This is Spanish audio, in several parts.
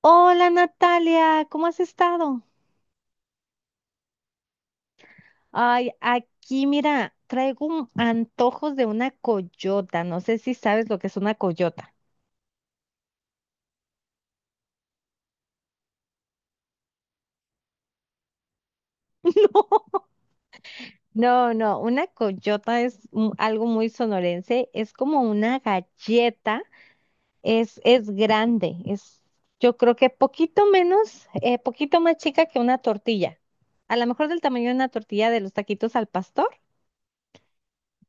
Hola Natalia, ¿cómo has estado? Ay, aquí mira, traigo antojos de una coyota. No sé si sabes lo que es una coyota. No, no, no, una coyota es algo muy sonorense. Es como una galleta, es grande, es yo creo que poquito menos, poquito más chica que una tortilla. A lo mejor del tamaño de una tortilla de los taquitos al pastor.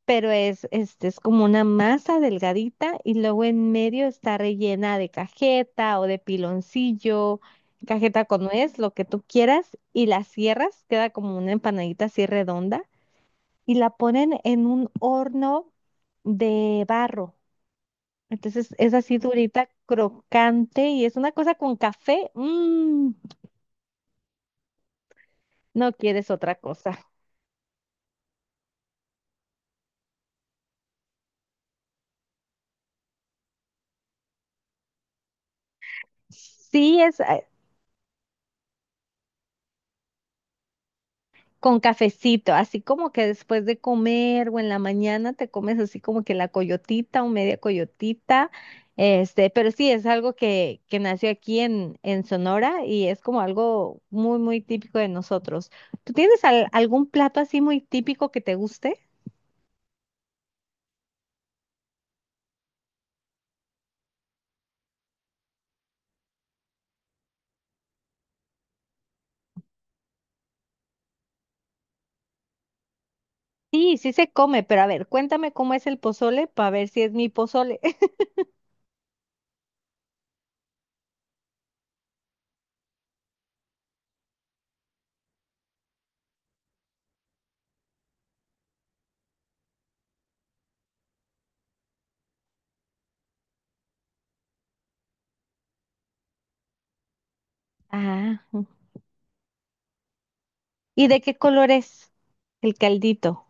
Pero es, es como una masa delgadita y luego en medio está rellena de cajeta o de piloncillo, cajeta con nuez, lo que tú quieras, y la cierras, queda como una empanadita así redonda y la ponen en un horno de barro. Entonces es así durita, crocante y es una cosa con café. No quieres otra cosa. Sí, es, con cafecito, así como que después de comer o en la mañana te comes así como que la coyotita o media coyotita, pero sí, es algo que nació aquí en Sonora y es como algo muy, muy típico de nosotros. ¿Tú tienes algún plato así muy típico que te guste? Sí, sí se come, pero a ver, cuéntame cómo es el pozole para ver si es mi pozole. Ah, ¿y de qué color es el caldito?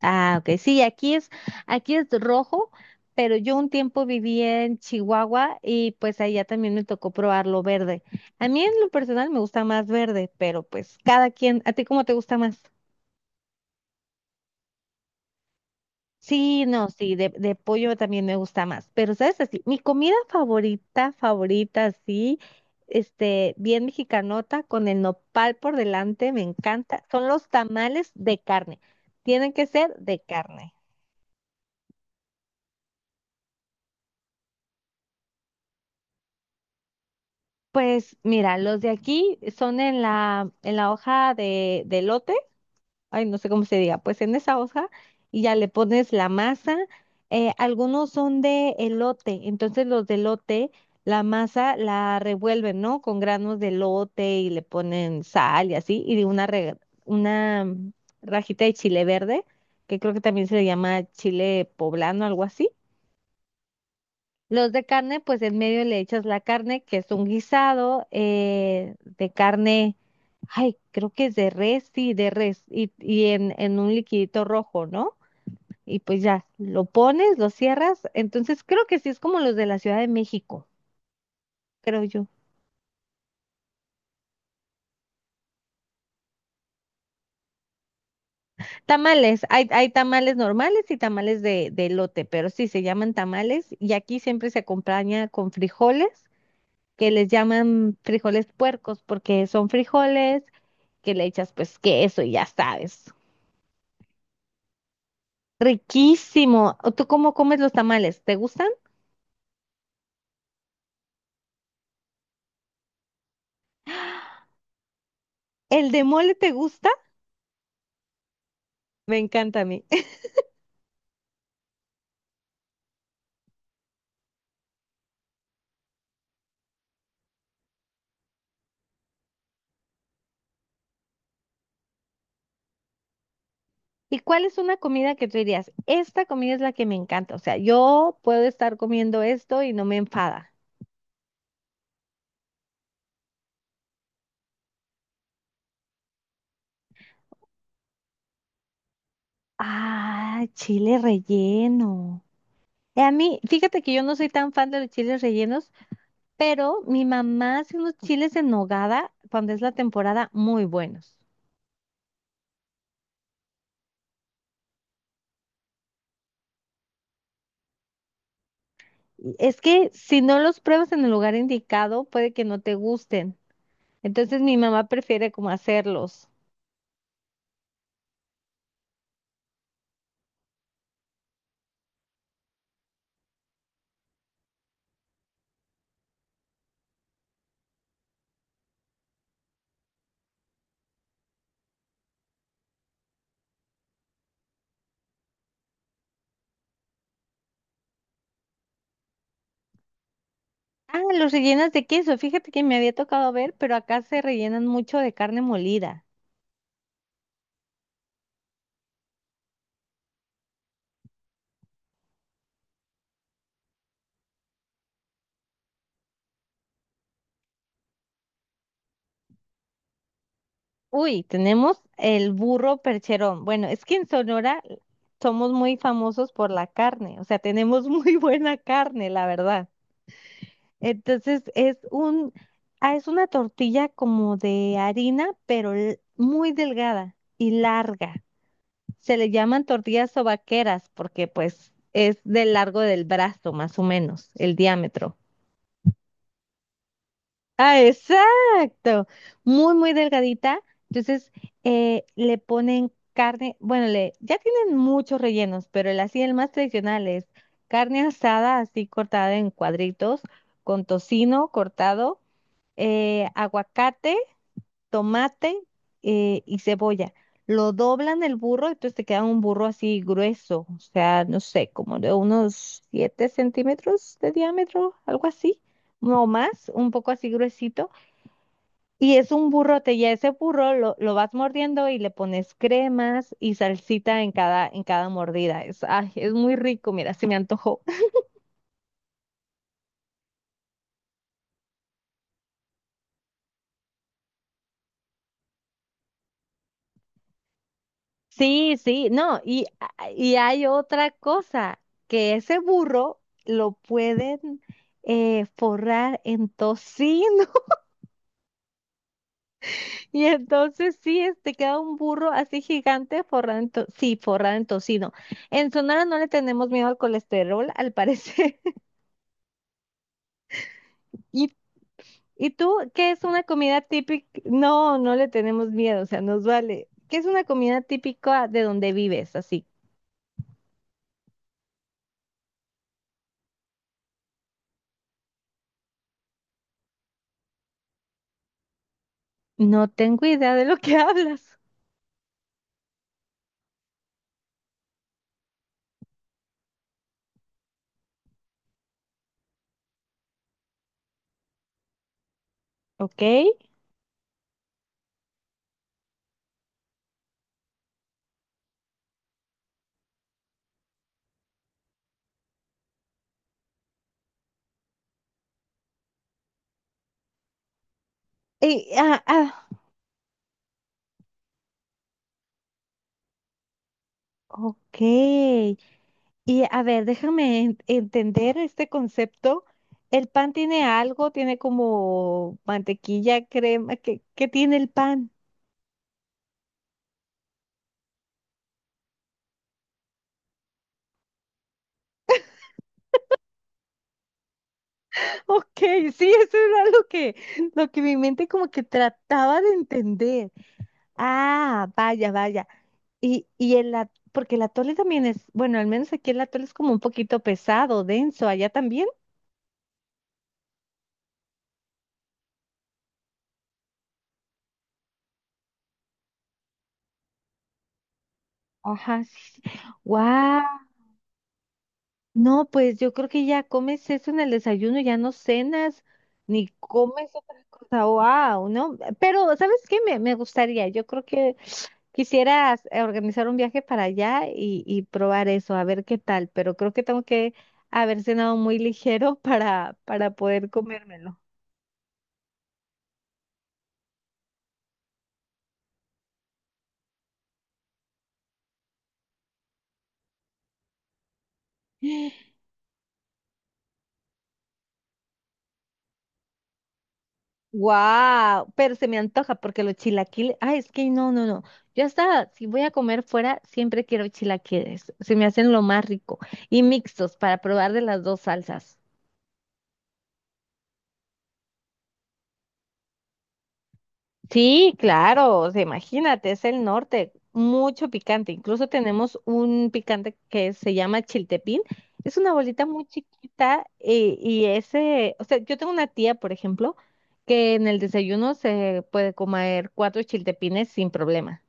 Ah, ok. Sí, aquí es rojo, pero yo un tiempo viví en Chihuahua y pues allá también me tocó probarlo verde. A mí en lo personal me gusta más verde, pero pues cada quien, ¿a ti cómo te gusta más? Sí, no, sí, de pollo también me gusta más, pero sabes así, mi comida favorita, favorita, sí, bien mexicanota, con el nopal por delante, me encanta, son los tamales de carne, tienen que ser de carne. Pues mira, los de aquí son en la hoja de lote, ay, no sé cómo se diga, pues en esa hoja y ya le pones la masa. Algunos son de elote, entonces los de elote, la masa la revuelven, ¿no? Con granos de elote y le ponen sal y así, y de una, una rajita de chile verde, que creo que también se le llama chile poblano, algo así. Los de carne, pues en medio le echas la carne, que es un guisado de carne, ay, creo que es de res, sí, de res, y en un liquidito rojo, ¿no? Y pues ya, lo pones, lo cierras, entonces creo que sí es como los de la Ciudad de México, creo yo. Tamales, hay tamales normales y tamales de elote, pero sí, se llaman tamales y aquí siempre se acompaña con frijoles, que les llaman frijoles puercos, porque son frijoles que le echas pues queso y ya sabes. Riquísimo. ¿O ¿tú cómo comes los tamales? ¿Te gustan? ¿El de mole te gusta? Me encanta a mí. ¿Y cuál es una comida que tú dirías? Esta comida es la que me encanta. O sea, yo puedo estar comiendo esto y no me enfada. Ah, chile relleno. A mí, fíjate que yo no soy tan fan de los chiles rellenos, pero mi mamá hace unos chiles en nogada cuando es la temporada muy buenos. Es que si no los pruebas en el lugar indicado, puede que no te gusten. Entonces mi mamá prefiere como hacerlos. Ah, los rellenas de queso. Fíjate que me había tocado ver, pero acá se rellenan mucho de carne molida. Uy, tenemos el burro percherón. Bueno, es que en Sonora somos muy famosos por la carne. O sea, tenemos muy buena carne, la verdad. Entonces es un, ah, es una tortilla como de harina, pero muy delgada y larga. Se le llaman tortillas o porque pues es del largo del brazo, más o menos, el diámetro. Ah, exacto. Muy, muy delgadita. Entonces, le ponen carne, bueno, le, ya tienen muchos rellenos, pero el así, el más tradicional es carne asada, así cortada en cuadritos, con tocino cortado, aguacate, tomate y cebolla. Lo doblan el burro, entonces te queda un burro así grueso, o sea, no sé, como de unos 7 centímetros de diámetro, algo así, no más, un poco así gruesito. Y es un burrote, y a ese burro lo vas mordiendo y le pones cremas y salsita en cada mordida. Es, ay, es muy rico, mira, se me antojó. Sí, sí, no, y hay otra cosa, que ese burro lo pueden forrar en tocino. Y entonces sí, queda un burro así gigante forrado en sí, forrado en tocino. En Sonora no le tenemos miedo al colesterol, al parecer. ¿Y, y tú qué es una comida típica? No, no le tenemos miedo, o sea, nos vale. ¿Qué es una comida típica de donde vives? Así. No tengo idea de lo que hablas. ¿Ok? Y, ah, ah, ok. Y a ver, déjame entender este concepto. ¿El pan tiene algo? ¿Tiene como mantequilla, crema? ¿Qué, qué tiene el pan? Ok, sí, eso era lo que mi mente como que trataba de entender. Ah, vaya, vaya. Y el, porque el atole también es, bueno, al menos aquí el atole es como un poquito pesado, denso, allá también. Ajá, sí, sí. No, pues yo creo que ya comes eso en el desayuno, ya no cenas, ni comes otra cosa. Wow, ¿no? Pero, ¿sabes qué? Me gustaría, yo creo que quisieras organizar un viaje para allá y probar eso, a ver qué tal, pero creo que tengo que haber cenado muy ligero para poder comérmelo. Wow, pero se me antoja porque los chilaquiles, ay, es que no, no, no. Yo hasta si voy a comer fuera, siempre quiero chilaquiles. Se me hacen lo más rico y mixtos para probar de las dos salsas. Sí, claro, o sea, imagínate, es el norte, mucho picante. Incluso tenemos un picante que se llama chiltepín. Es una bolita muy chiquita y ese, o sea, yo tengo una tía, por ejemplo, que en el desayuno se puede comer 4 chiltepines sin problema.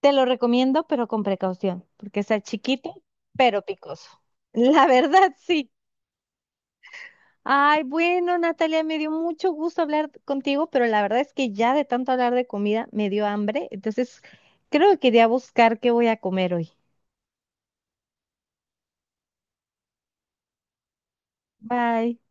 Te lo recomiendo, pero con precaución, porque está chiquito, pero picoso. La verdad, sí. Ay, bueno, Natalia, me dio mucho gusto hablar contigo, pero la verdad es que ya de tanto hablar de comida me dio hambre, entonces creo que iré a buscar qué voy a comer hoy. Bye.